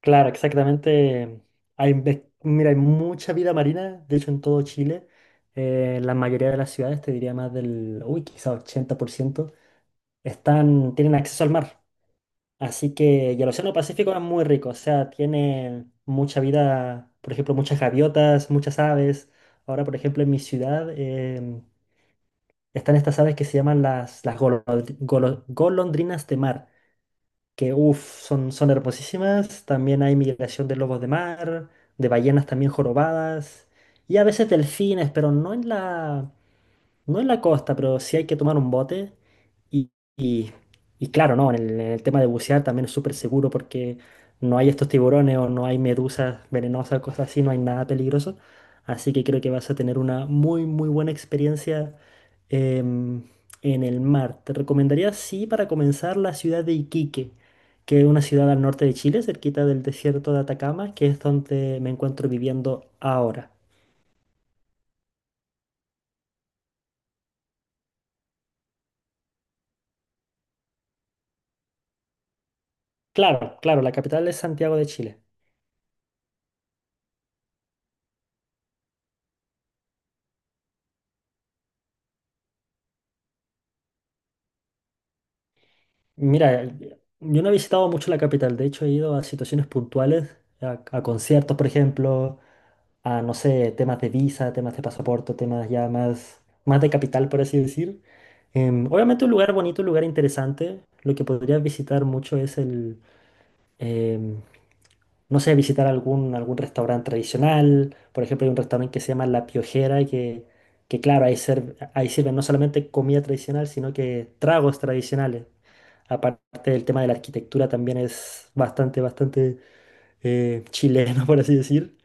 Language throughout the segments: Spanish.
Claro, exactamente. Hay, mira, hay mucha vida marina, de hecho en todo Chile, la mayoría de las ciudades, te diría más del, uy, quizá 80%, están, tienen acceso al mar. Así que, y el Océano Pacífico es muy rico, o sea, tiene mucha vida, por ejemplo, muchas gaviotas, muchas aves. Ahora, por ejemplo, en mi ciudad están estas aves que se llaman las golondrinas de mar que uff, son hermosísimas. También hay migración de lobos de mar, de ballenas también jorobadas y a veces delfines, pero no en la costa, pero sí hay que tomar un bote. Y, y- y claro, ¿no? En el tema de bucear también es súper seguro porque no hay estos tiburones o no hay medusas venenosas, cosas así, no hay nada peligroso. Así que creo que vas a tener una muy, muy buena experiencia em, en el mar. Te recomendaría, sí, para comenzar, la ciudad de Iquique, que es una ciudad al norte de Chile, cerquita del desierto de Atacama, que es donde me encuentro viviendo ahora. Claro, claro, la capital es Santiago de Chile. Mira, yo no he visitado mucho la capital, de hecho he ido a situaciones puntuales, a conciertos, por ejemplo, a, no sé, temas de visa, temas de pasaporte, temas ya más de capital, por así decir. Obviamente un lugar bonito, un lugar interesante. Lo que podrías visitar mucho es el, em, no sé, visitar algún restaurante tradicional. Por ejemplo, hay un restaurante que se llama La Piojera, que claro, ahí, ahí sirven no solamente comida tradicional, sino que tragos tradicionales. Aparte del tema de la arquitectura, también es bastante, bastante chileno, por así decir.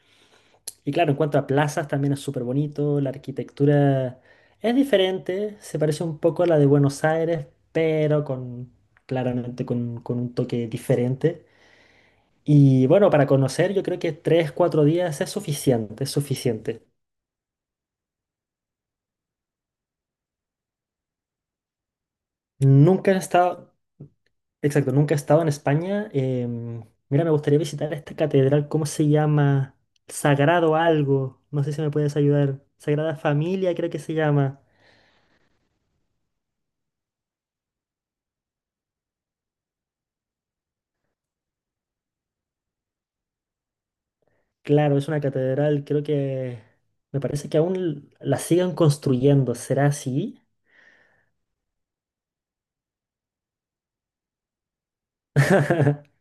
Y claro, en cuanto a plazas, también es súper bonito. La arquitectura es diferente, se parece un poco a la de Buenos Aires, pero con, claramente con un toque diferente. Y bueno, para conocer, yo creo que tres, cuatro días es suficiente, es suficiente. Nunca he estado, exacto, nunca he estado en España. Mira, me gustaría visitar esta catedral, ¿cómo se llama? Sagrado algo, no sé si me puedes ayudar. Sagrada Familia, creo que se llama. Claro, es una catedral, creo que me parece que aún la siguen construyendo, ¿será así?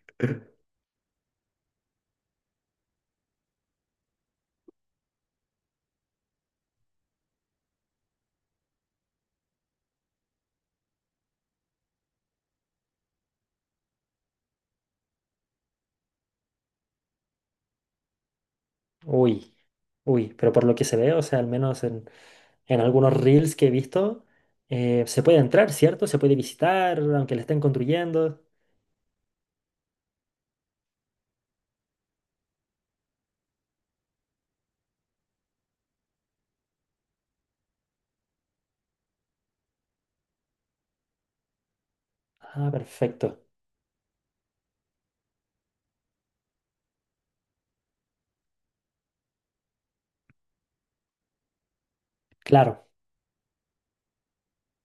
Uy, uy, pero por lo que se ve, o sea, al menos en algunos reels que he visto, se puede entrar, ¿cierto? Se puede visitar, aunque le estén construyendo. Ah, perfecto. Claro,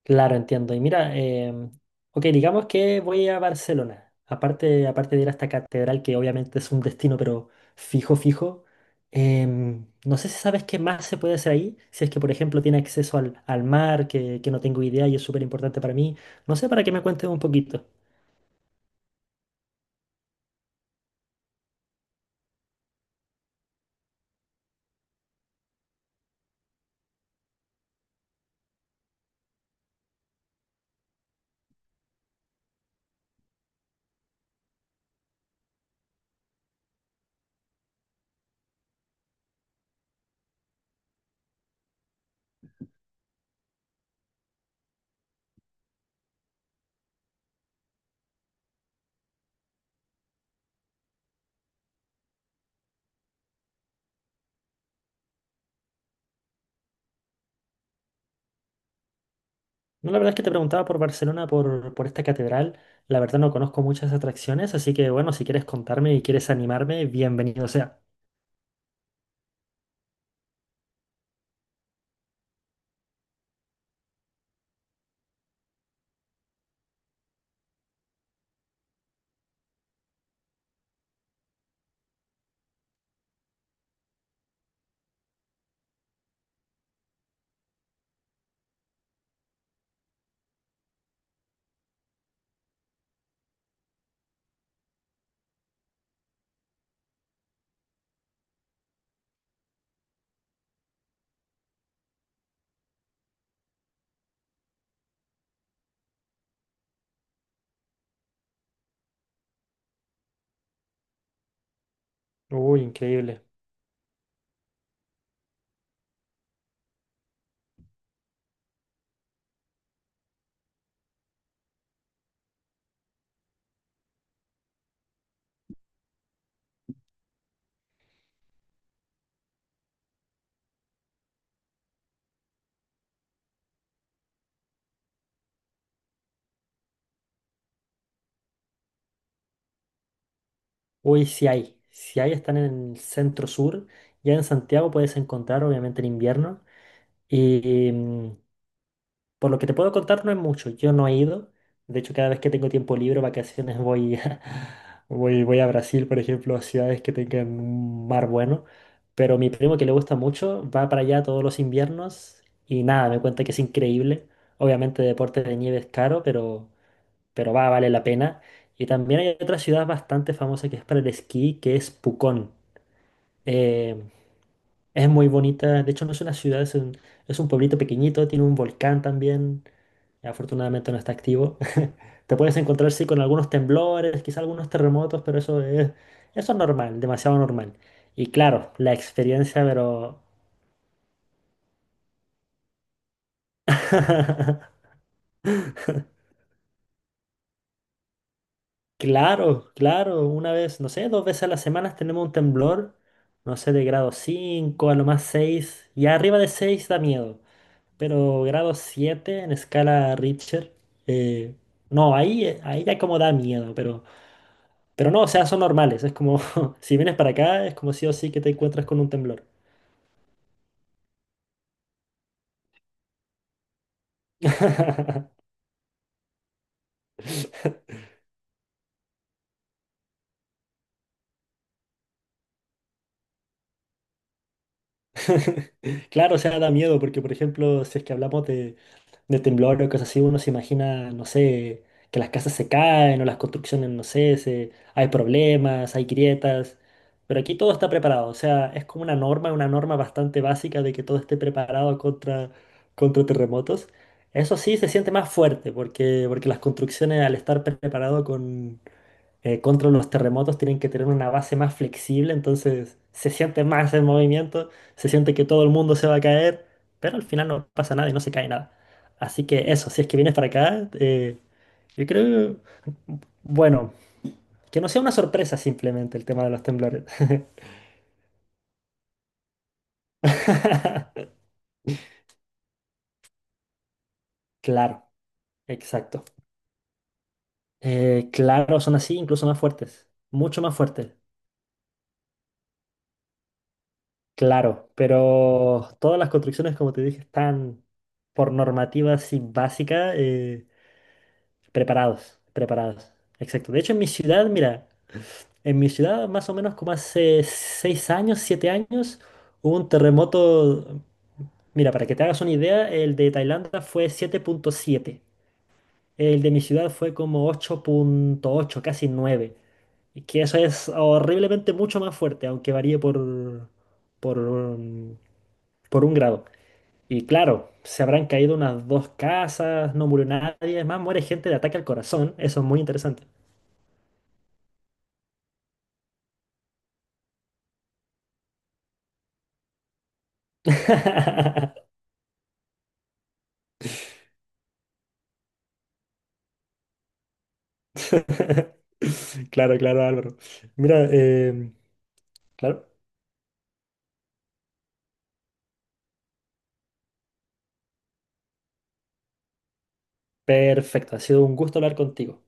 claro, entiendo. Y mira, ok, digamos que voy a Barcelona. Aparte de ir a esta catedral, que obviamente es un destino, pero fijo, fijo. No sé si sabes qué más se puede hacer ahí. Si es que, por ejemplo, tiene acceso al mar, que no tengo idea y es súper importante para mí. No sé, para que me cuentes un poquito. No, la verdad es que te preguntaba por Barcelona, por esta catedral. La verdad no conozco muchas atracciones, así que bueno, si quieres contarme y quieres animarme, bienvenido sea. Uy, increíble. Uy, sí hay. Si hay, están en el centro sur. Ya en Santiago puedes encontrar, obviamente, en invierno. Y, mm, Por lo que te puedo contar no es mucho, yo no he ido. De hecho, cada vez que tengo tiempo libre, vacaciones, voy a Brasil, por ejemplo, a ciudades que tengan un mar bueno. Pero mi primo, que le gusta mucho, va para allá todos los inviernos y nada, me cuenta que es increíble. Obviamente deporte de nieve es caro, pero vale la pena. Y también hay otra ciudad bastante famosa que es para el esquí, que es Pucón. Eh, es muy bonita, de hecho no es una ciudad, es un pueblito pequeñito, tiene un volcán también, afortunadamente no está activo. Te puedes encontrar sí con algunos temblores, quizá algunos terremotos, pero eso es normal, demasiado normal. Y claro, la experiencia, pero... Claro, claro, una vez, no sé, dos veces a la semana tenemos un temblor, no sé, de grado 5 a lo más 6 y arriba de 6 da miedo. Pero grado 7 en escala Richter. eh, no, ahí ya como da miedo, pero no, o sea, son normales. Es como, si vienes para acá, es como sí o sí que te encuentras con un temblor. Claro, o sea, da miedo porque, por ejemplo, si es que hablamos de temblor o cosas así, uno se imagina, no sé, que las casas se caen o las construcciones, no sé, hay problemas, hay grietas, pero aquí todo está preparado, o sea, es como una norma bastante básica de que todo esté preparado contra terremotos. Eso sí se siente más fuerte porque, las construcciones al estar preparado contra los terremotos tienen que tener una base más flexible, entonces se siente más el movimiento, se siente que todo el mundo se va a caer, pero al final no pasa nada y no se cae nada. Así que eso, si es que vienes para acá, yo creo, bueno, que no sea una sorpresa simplemente el tema de los temblores. Claro, exacto. Claro, son así, incluso más fuertes, mucho más fuertes. Claro, pero todas las construcciones, como te dije, están por normativa así básica, preparados, preparados. Exacto. De hecho, en mi ciudad, mira, en mi ciudad más o menos como hace 6 años, 7 años, hubo un terremoto. Mira, para que te hagas una idea, el de Tailandia fue 7,7. El de mi ciudad fue como 8,8, casi 9. Y que eso es horriblemente mucho más fuerte, aunque varíe por, por, um, por un grado. Y claro, se habrán caído unas dos casas, no murió nadie, es más muere gente de ataque al corazón, eso es muy interesante. Claro, claro, Álvaro. Mira, claro, perfecto, ha sido un gusto hablar contigo.